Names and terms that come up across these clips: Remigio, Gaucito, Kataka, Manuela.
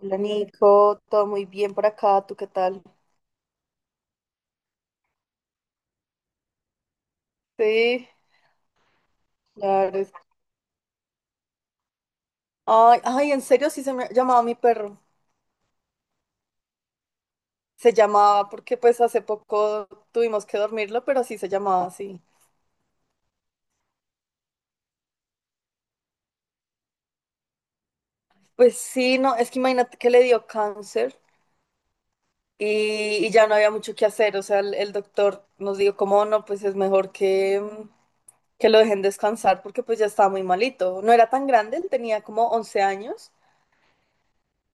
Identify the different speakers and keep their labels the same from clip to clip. Speaker 1: Hola Nico, todo muy bien por acá, ¿tú qué tal? Sí. Claro. es- Ay, ay, en serio sí se me llamaba mi perro. Se llamaba porque pues hace poco tuvimos que dormirlo, pero sí se llamaba así. Pues sí, no, es que imagínate que le dio cáncer y ya no había mucho que hacer. O sea, el doctor nos dijo como no, pues es mejor que, que lo dejen descansar porque pues ya estaba muy malito. No era tan grande, él tenía como 11 años,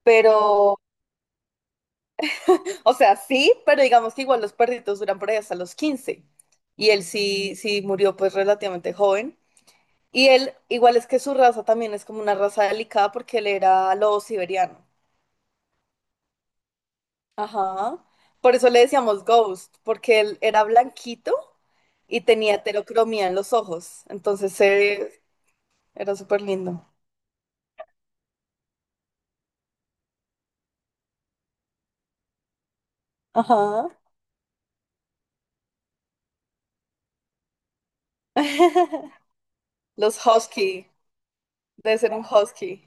Speaker 1: pero... O sea, sí, pero digamos que igual los perritos duran por ahí hasta los 15. Y él sí, sí murió pues relativamente joven. Y él, igual es que su raza también es como una raza delicada porque él era lobo siberiano. Ajá. Por eso le decíamos Ghost, porque él era blanquito y tenía heterocromía en los ojos. Entonces era súper lindo. Ajá. Los husky. Debe ser un husky.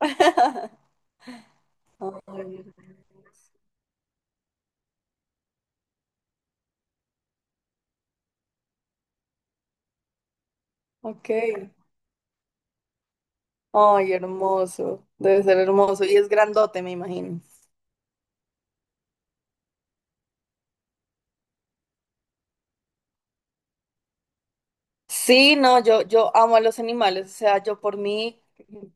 Speaker 1: Ay, ok. Ay, hermoso. Debe ser hermoso. Y es grandote, me imagino. Sí, no, yo amo a los animales. O sea, yo por mí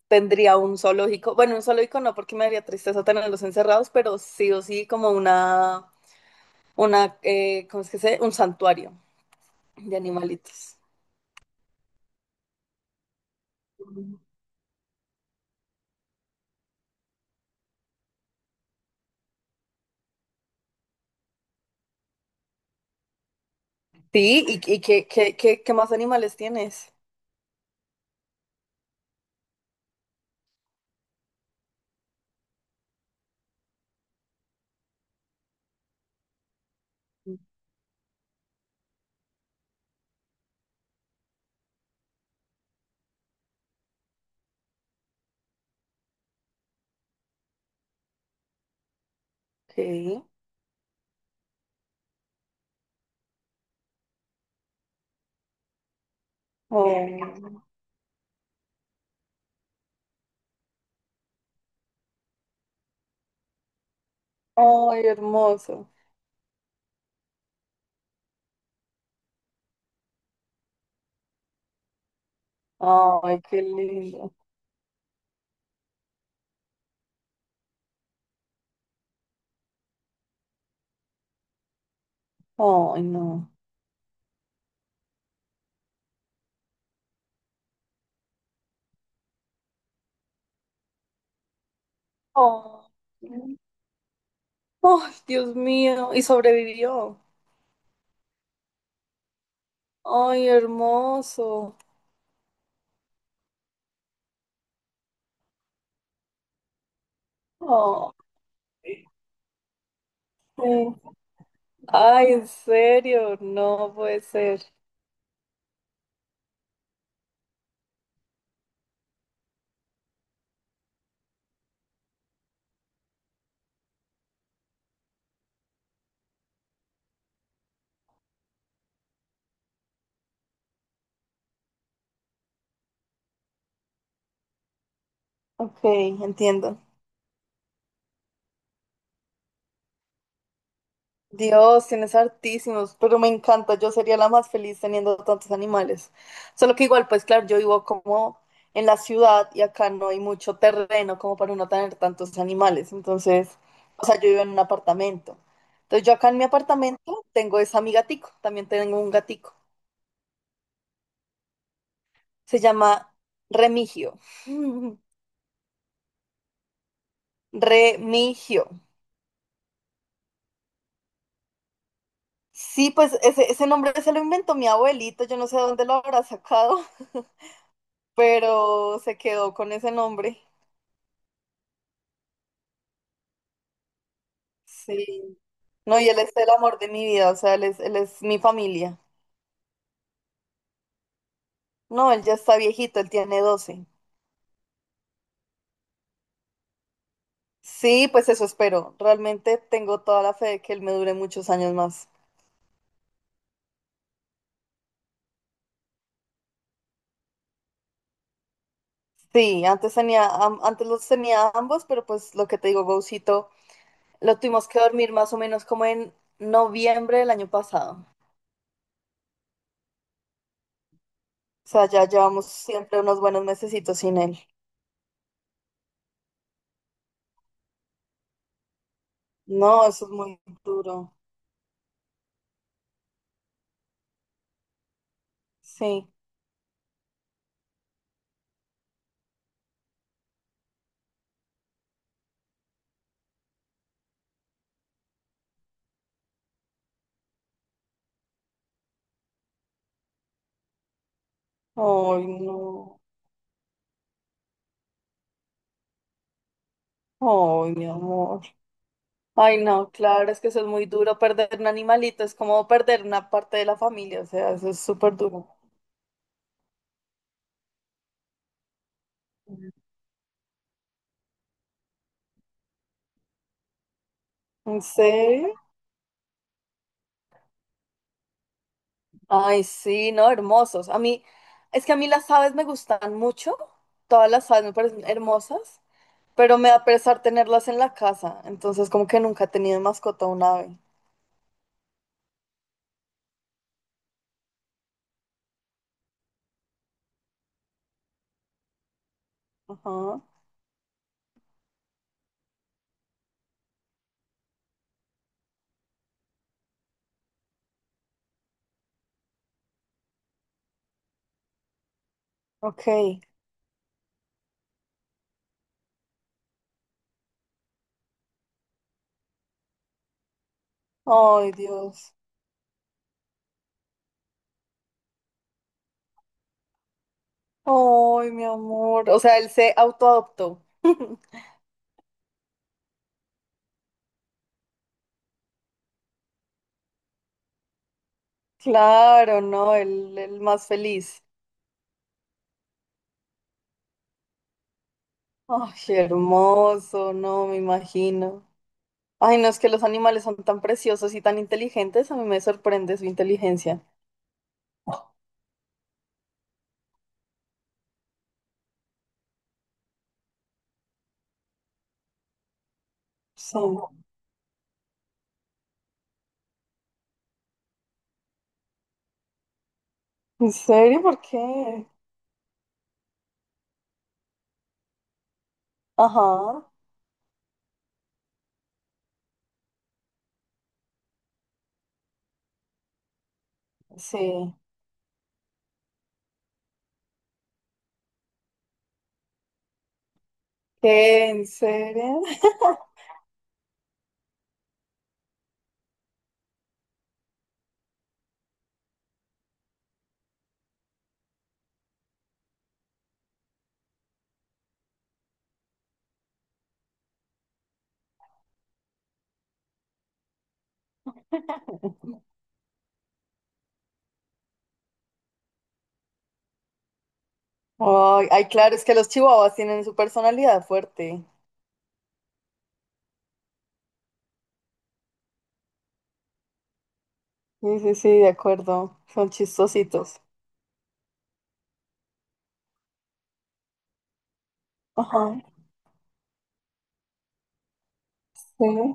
Speaker 1: tendría un zoológico. Bueno, un zoológico no, porque me daría tristeza tenerlos encerrados, pero sí o sí como una, ¿cómo es que se dice? Un santuario de animalitos. Sí, ¿y, y qué más animales tienes? Sí. Oh, ay, hermoso. Ay, qué lindo. Ay, no. Oh. Oh, Dios mío, ¿y sobrevivió? Ay, hermoso. Oh, sí. Ay, en serio, no puede ser. Ok, entiendo. Dios, tienes hartísimos, pero me encanta. Yo sería la más feliz teniendo tantos animales. Solo que igual, pues claro, yo vivo como en la ciudad y acá no hay mucho terreno como para uno tener tantos animales. Entonces, o sea, yo vivo en un apartamento. Entonces, yo acá en mi apartamento tengo esa mi gatico, también tengo un gatico. Se llama Remigio. Remigio. Sí, pues ese nombre se lo inventó mi abuelito, yo no sé de dónde lo habrá sacado, pero se quedó con ese nombre. Sí. No, y él es el amor de mi vida, o sea, él es mi familia. No, él ya está viejito, él tiene 12. Sí, pues eso espero. Realmente tengo toda la fe de que él me dure muchos años más. Sí, antes tenía, antes los tenía ambos, pero pues lo que te digo, Gaucito lo tuvimos que dormir más o menos como en noviembre del año pasado. O sea, ya llevamos siempre unos buenos mesecitos sin él. No, eso es muy duro. Sí. Ay, no. Ay, mi amor. Ay, no, claro, es que eso es muy duro. Perder un animalito es como perder una parte de la familia. O sea, eso es súper duro. ¿En serio? Ay, sí, no, hermosos. A mí, es que a mí las aves me gustan mucho. Todas las aves me parecen hermosas. Pero me da pesar tenerlas en la casa, entonces como que nunca he tenido de mascota un ave. Ajá, ok. Ay, Dios. Ay, mi amor. O sea, él se autoadoptó. Claro, no, el más feliz. Ay, hermoso, no, me imagino. Ay, no, es que los animales son tan preciosos y tan inteligentes, a mí me sorprende su inteligencia. Sí. ¿En serio? ¿Por qué? Ajá, sí. ¿Qué? ¿En serio? Ay, ay, claro, es que los chihuahuas tienen su personalidad fuerte. Sí, sí, sí, de acuerdo. Son chistositos. Ajá, sí.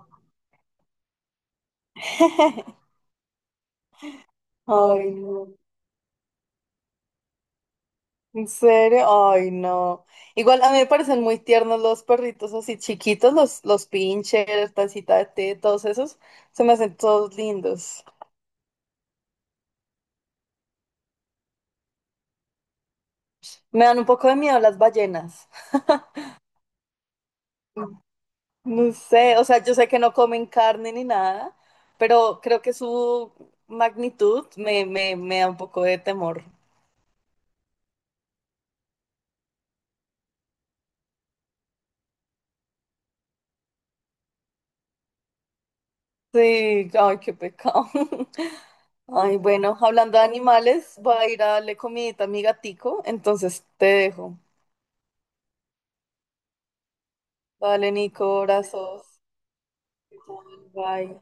Speaker 1: Ay, no. ¿En serio? Ay, no. Igual a mí me parecen muy tiernos los perritos así chiquitos, los pinchers, tacita de té, todos esos. Se me hacen todos lindos. Me dan un poco de miedo las ballenas. No sé, o sea, yo sé que no comen carne ni nada, pero creo que su magnitud me da un poco de temor. Sí, ay, qué pecado. Ay, bueno, hablando de animales, voy a ir a darle comidita a mi gatico, entonces te dejo. Vale, Nico, abrazos. Bye.